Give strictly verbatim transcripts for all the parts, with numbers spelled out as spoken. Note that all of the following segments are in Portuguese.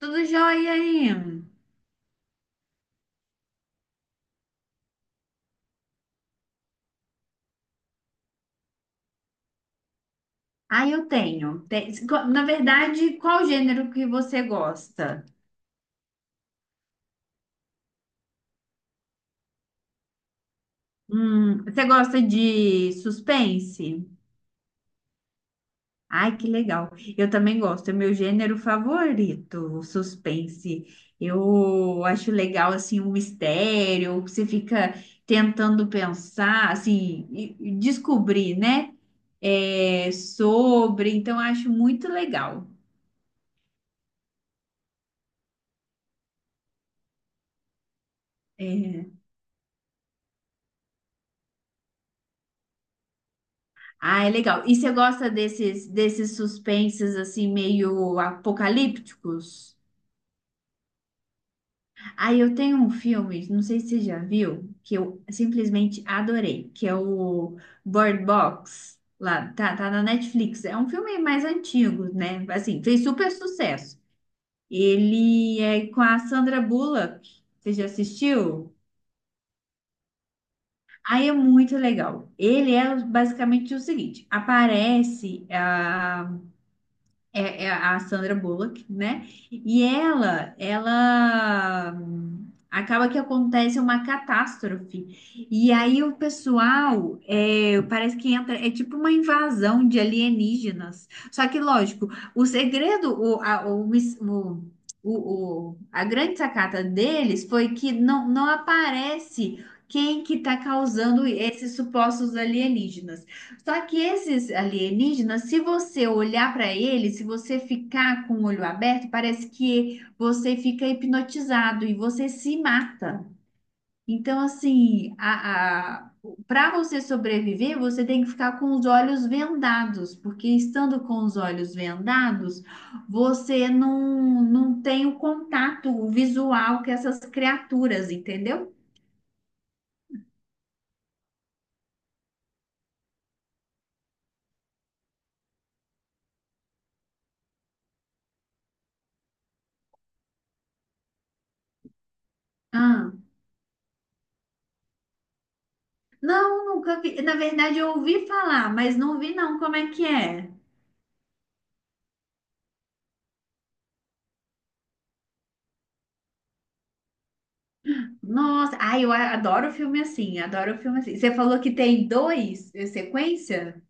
Tudo jóia aí? Aí eu tenho. Tem- Na verdade, qual gênero que você gosta? Hum, você gosta de suspense? Ai, que legal. Eu também gosto. É meu gênero favorito, o suspense. Eu acho legal, assim, um mistério, que você fica tentando pensar, assim, e- e descobrir, né? É, sobre. Então, eu acho muito legal. É, Ah, é legal. E você gosta desses, desses suspenses assim meio apocalípticos? Ah, eu tenho um filme, não sei se você já viu, que eu simplesmente adorei, que é o Bird Box. Lá, tá, tá na Netflix. É um filme mais antigo, né? Assim, fez super sucesso. Ele é com a Sandra Bullock. Você já assistiu? Aí é muito legal. Ele é basicamente o seguinte: aparece é, é a Sandra Bullock, né? E ela, ela hum, acaba que acontece uma catástrofe. E aí o pessoal é, parece que entra, é tipo uma invasão de alienígenas. Só que, lógico, o segredo, o, a, o, mis- o- o- o- a grande sacada deles foi que não, não aparece quem que está causando esses supostos alienígenas. Só que esses alienígenas, se você olhar para eles, se você ficar com o olho aberto, parece que você fica hipnotizado e você se mata. Então, assim, a, para você sobreviver, você tem que ficar com os olhos vendados, porque estando com os olhos vendados, você não, não tem o contato visual com essas criaturas, entendeu? Ah, não, nunca vi. Na verdade, eu ouvi falar, mas não vi não como é que é. Nossa, ai, eu a- adoro filme assim, adoro filme assim. Você falou que tem dois eh, sequência?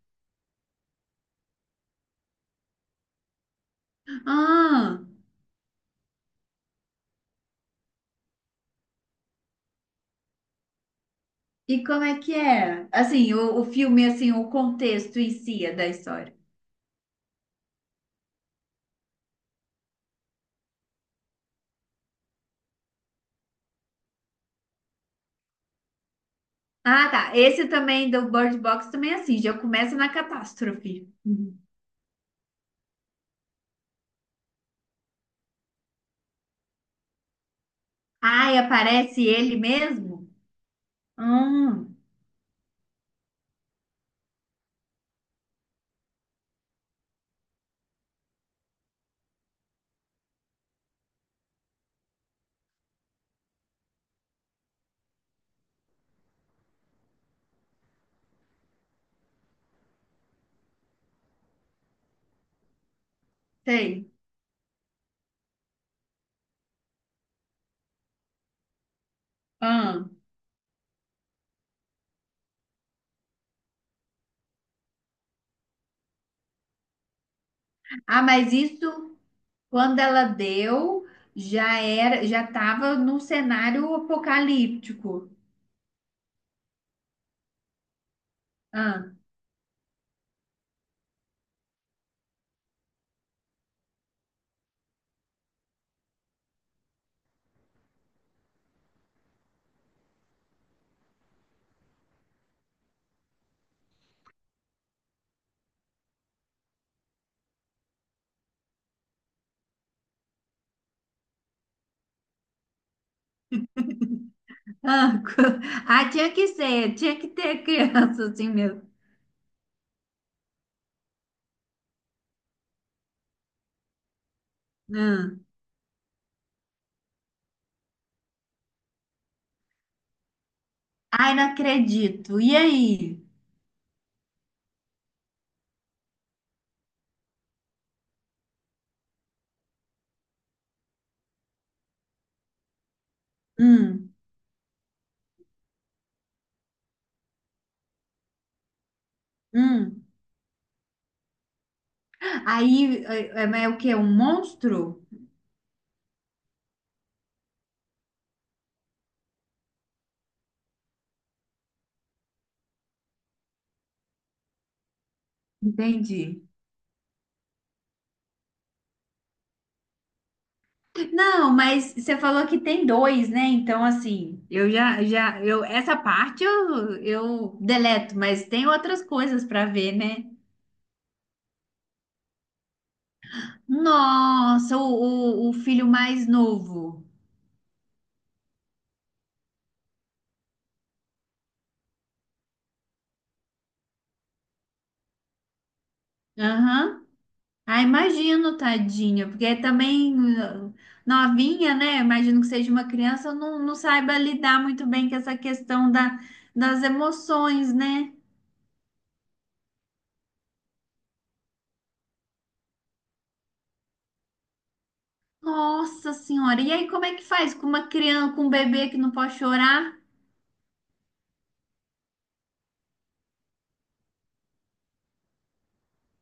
Ah, e como é que é? Assim, o, o filme, assim, o contexto em si é da história. Ah, tá. Esse também do Bird Box também é assim, já começa na catástrofe. Uhum. Ai, aparece ele mesmo? Hum, sei. Ah. Ah, mas isso, quando ela deu, já era, já tava num cenário apocalíptico. Ah, ah, tinha que ser, tinha que ter criança assim mesmo. Hum. Ai, não acredito. E aí? Hum, hum. Aí é, é- é o quê? Um monstro? Entendi. Não, mas você falou que tem dois, né? Então, assim, eu já, já, eu, essa parte eu, eu deleto, mas tem outras coisas para ver, né? Nossa, o, o, o filho mais novo. Aham. Ah, imagino, tadinha, porque também uh, novinha, né? Imagino que seja uma criança, não, não saiba lidar muito bem com essa questão da, das emoções, né? Nossa senhora, e aí como é que faz com uma criança, com um bebê que não pode chorar?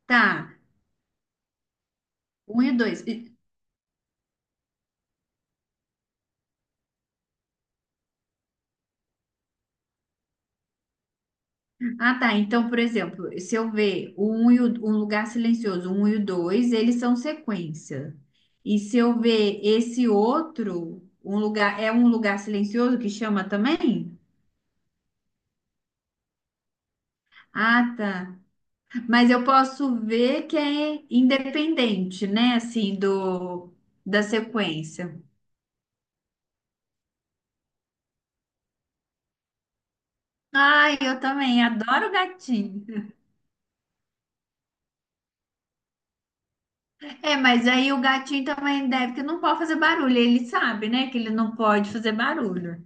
Tá, um e o dois. E- Ah, tá, então, por exemplo, se eu ver o um e o, o lugar silencioso, um e o dois, eles são sequência. E se eu ver esse outro, um lugar, é um lugar silencioso que chama também? Ah, tá. Mas eu posso ver que é independente, né? Assim, do da sequência. Ai, eu também adoro gatinho. É, mas aí o gatinho também deve que não pode fazer barulho. Ele sabe, né, que ele não pode fazer barulho.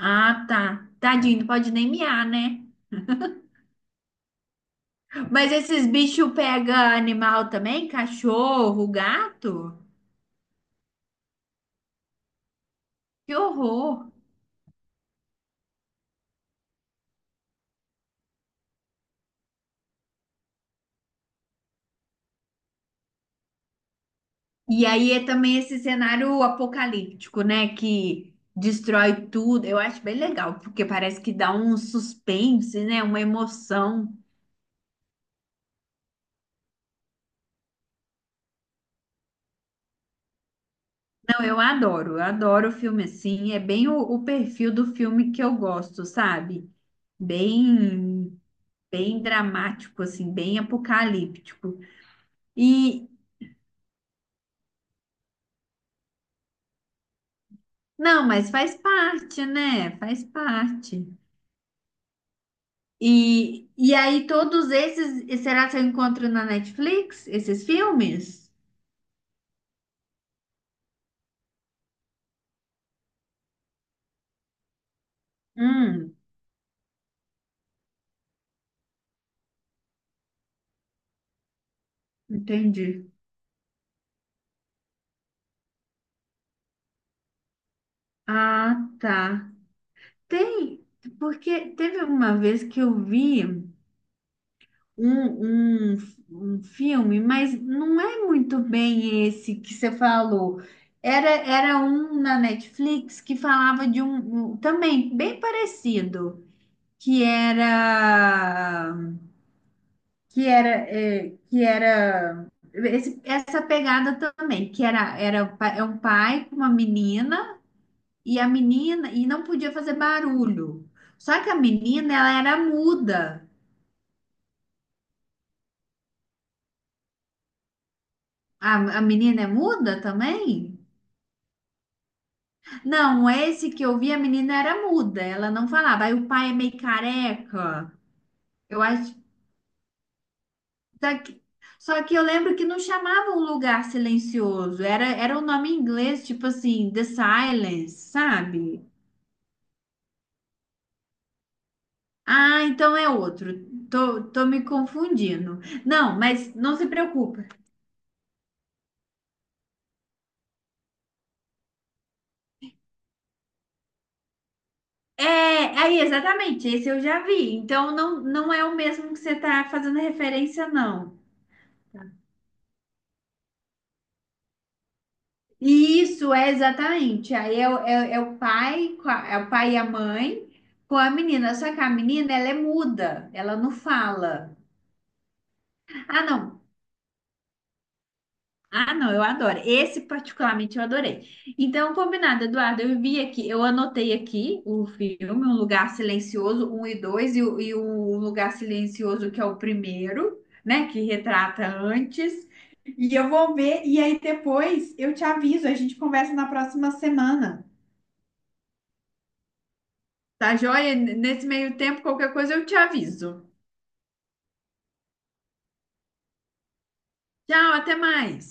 Ah, tá. Tadinho, não pode nem miar, né? Mas esses bichos pegam animal também? Cachorro, gato? Que horror. E aí é também esse cenário apocalíptico, né? Que destrói tudo. Eu acho bem legal, porque parece que dá um suspense, né? Uma emoção. Não, eu adoro, eu adoro filme assim. É bem o, o perfil do filme que eu gosto, sabe? Bem, bem dramático, assim, bem apocalíptico. E não, mas faz parte, né? Faz parte. E, e aí, todos esses, será que eu encontro na Netflix, esses filmes? Hum, entendi. Ah, tá. Tem, porque teve uma vez que eu vi um, um, um filme, mas não é muito bem esse que você falou. Era, era um na Netflix que falava de um, um também bem parecido, que era que era é, que era esse- essa pegada também, que era era pa- é um pai com uma menina. E a menina, e não podia fazer barulho. Só que a menina, ela era muda. A, a menina é muda também? Não, esse que eu vi, a menina era muda, ela não falava. Aí o pai é meio careca. Eu acho. tá que- Só que eu lembro que não chamava um lugar silencioso, era, era um nome em inglês, tipo assim, The Silence, sabe? Ah, então é outro. Tô, tô me confundindo. Não, mas não se preocupe. É, aí, exatamente, esse eu já vi. Então, não, não é o mesmo que você está fazendo referência, não. E isso é exatamente. Aí é, o- é, é o pai, com a- é o pai e a mãe com a menina. Só que a menina, ela é muda, ela não fala. Ah, não, Ah, não, eu adoro. Esse particularmente eu adorei. Então, combinado, Eduardo, eu vi aqui, eu anotei aqui o filme, Um Lugar Silencioso, um e dois e, o e o Um Lugar Silencioso, que é o primeiro, né, que retrata antes. E eu vou ver, e aí depois eu te aviso, a gente conversa na próxima semana. Tá joia? Nesse meio tempo, qualquer coisa eu te aviso. Tchau, até mais.